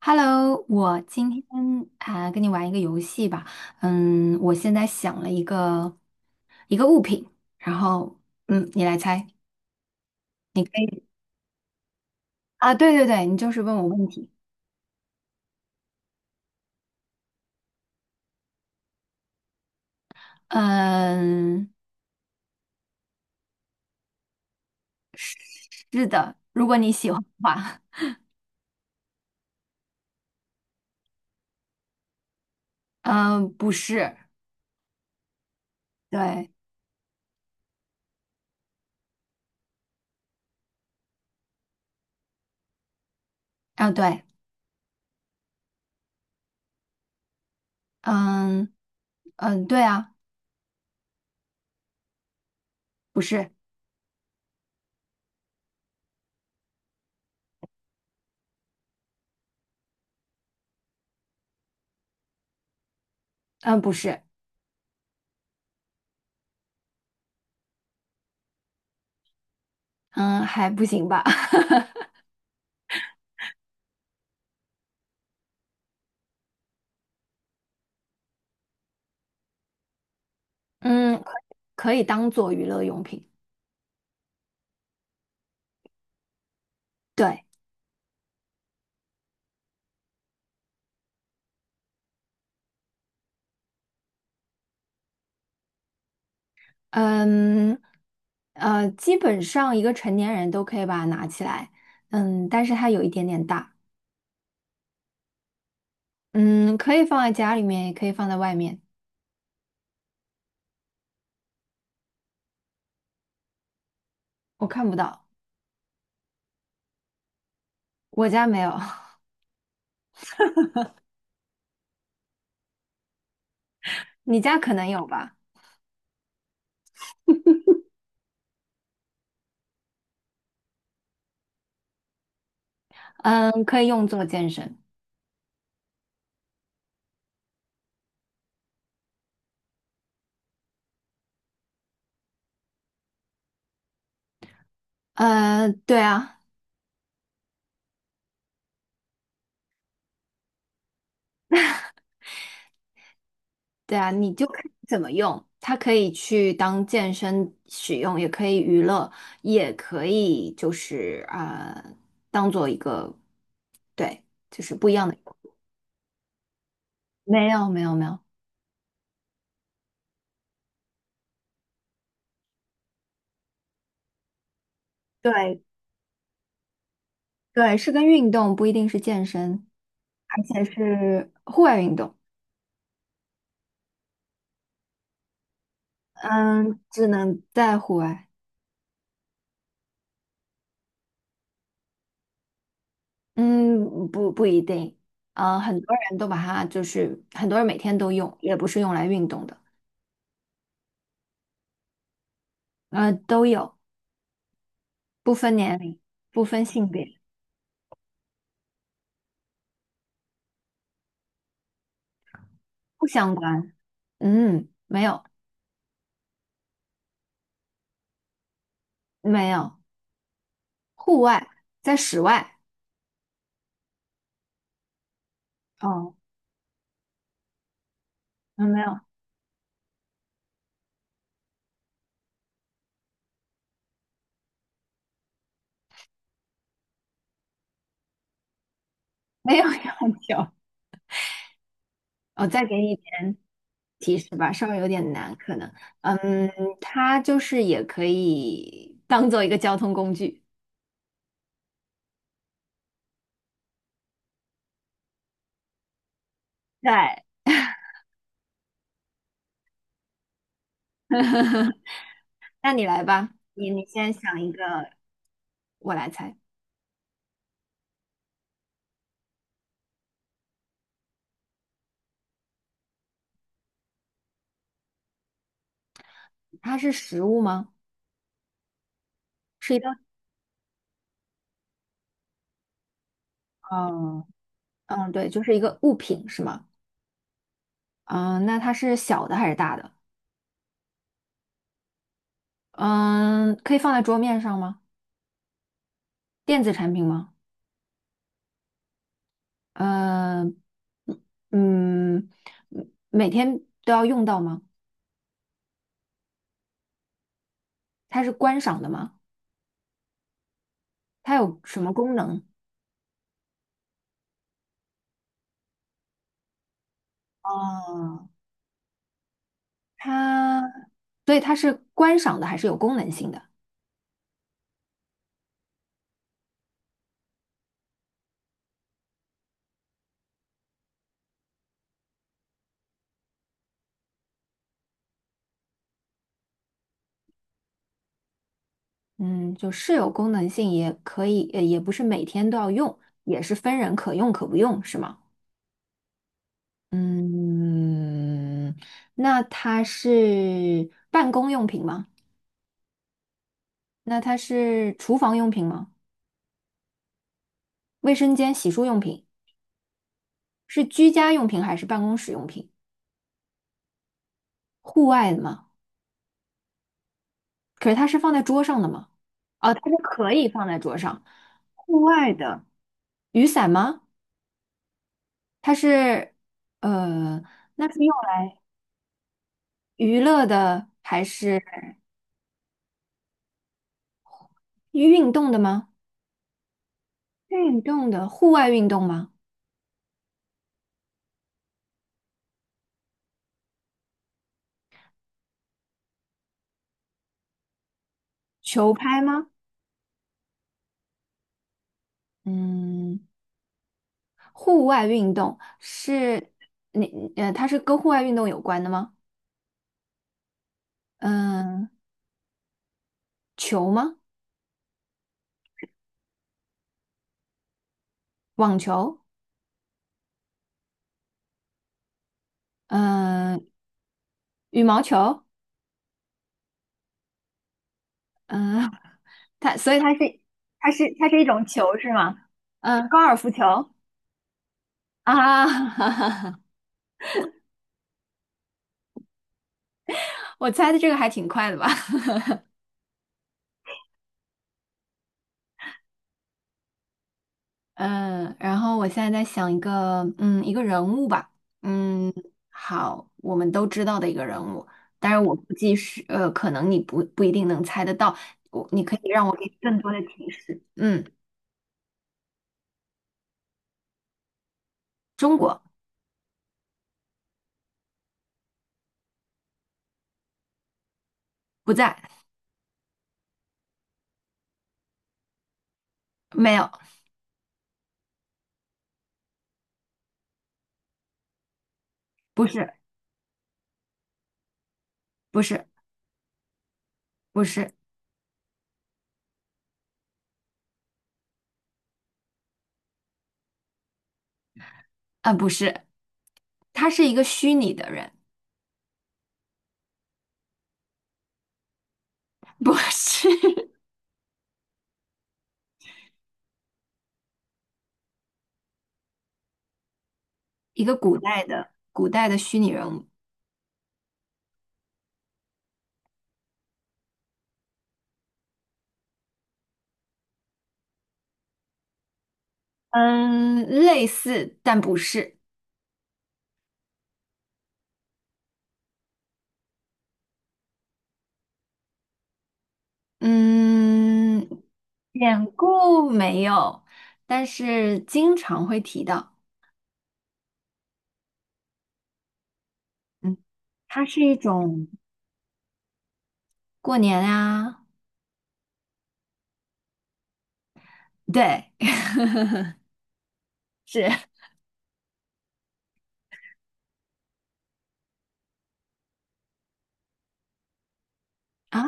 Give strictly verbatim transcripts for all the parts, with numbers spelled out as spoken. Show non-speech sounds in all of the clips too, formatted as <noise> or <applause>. Hello,我今天啊、跟你玩一个游戏吧。嗯，我现在想了一个一个物品，然后嗯，你来猜，你可以啊，对对对，你就是问我问题。嗯，是的，如果你喜欢的话，嗯，不是，对，啊对，嗯嗯，对啊，不是，嗯不是，嗯还不行吧，<laughs> 嗯，可以可以当做娱乐用品，对，嗯，呃，基本上一个成年人都可以把它拿起来，嗯，但是它有一点点大，嗯，可以放在家里面，也可以放在外面，我看不到，我家没有，<laughs> 你家可能有吧，嗯，可以用做健身，呃，对啊，对啊，你就看怎么用，它可以去当健身使用，也可以娱乐，也可以就是呃，当做一个，对，就是不一样的，没有，没有，没有。对，对，是跟运动，不一定是健身，而且是户外运动。嗯，只能在户外。嗯，不不一定。啊，很多人都把它就是很多人每天都用，也不是用来运动的。呃，都有，不分年龄，不分性别，不相关。嗯，没有没有，户外在室外。哦，嗯，没有没有 <laughs> 要求。我再给你一点提示吧，稍微有点难，可能，嗯，它就是也可以当做一个交通工具。对，<laughs> 那你来吧，你你先想一个，我来猜，它是食物吗？是一道，嗯嗯，对，就是一个物品是吗？嗯，那它是小的还是大的？嗯，可以放在桌面上吗？电子产品吗？呃嗯嗯，每天都要用到吗？它是观赏的吗？它有什么功能？哦，它，所以它是观赏的，还是有功能性的。嗯，就是有功能性，也可以，呃也不是每天都要用，也是分人可用可不用，是吗？嗯，那它是办公用品吗？那它是厨房用品吗？卫生间、洗漱用品，是居家用品还是办公室用品？户外的吗？可是它是放在桌上的吗？哦，它是可以放在桌上。户外的，雨伞吗？它是呃，那是用来娱乐的还是运动的吗？运动的，户外运动吗？球拍吗？嗯，户外运动是你呃，它是跟户外运动有关的吗？嗯、球吗？网球？嗯、羽毛球？它所以它是它是它是一种球是吗？嗯、高尔夫球啊，<laughs> 我猜的这个还挺快的吧。嗯，然后我现在在想一个，嗯，一个人物吧，嗯，好，我们都知道的一个人物，当然我估计是，呃，可能你不不一定能猜得到，我你可以让我给你更多的提示，嗯，中国不在，没有，不是，不是，不是，啊，不是，他是一个虚拟的人，不是 <laughs> 一个古代的古代的虚拟人物，嗯，类似但不是。嗯，典故没有，但是经常会提到。嗯，它是一种过年啊，对，<laughs> 是啊，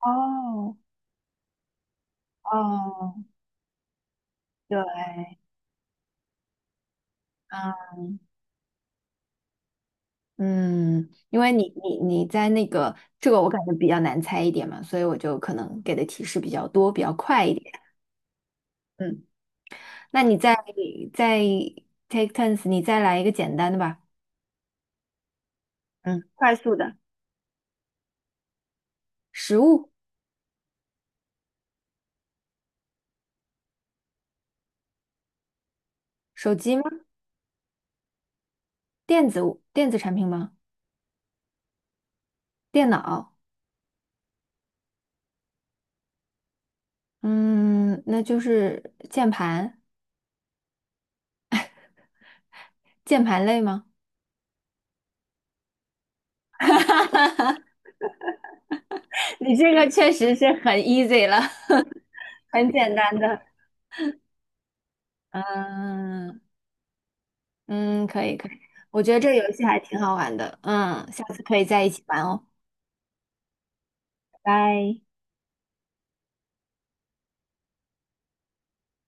哦哦，对，啊，嗯，因为你你你在那个这个我感觉比较难猜一点嘛，所以我就可能给的提示比较多，比较快一点。嗯，那你再再 take turns,你再来一个简单的吧。嗯，快速的，食物，手机吗？电子电子产品吗？电脑，嗯，那就是键盘，键盘类吗？<laughs> 你这个确实是很 easy 了，<laughs> 很简单的。嗯嗯，可以可以，我觉得这个游戏还挺好玩的。嗯，下次可以在一起玩哦，拜拜。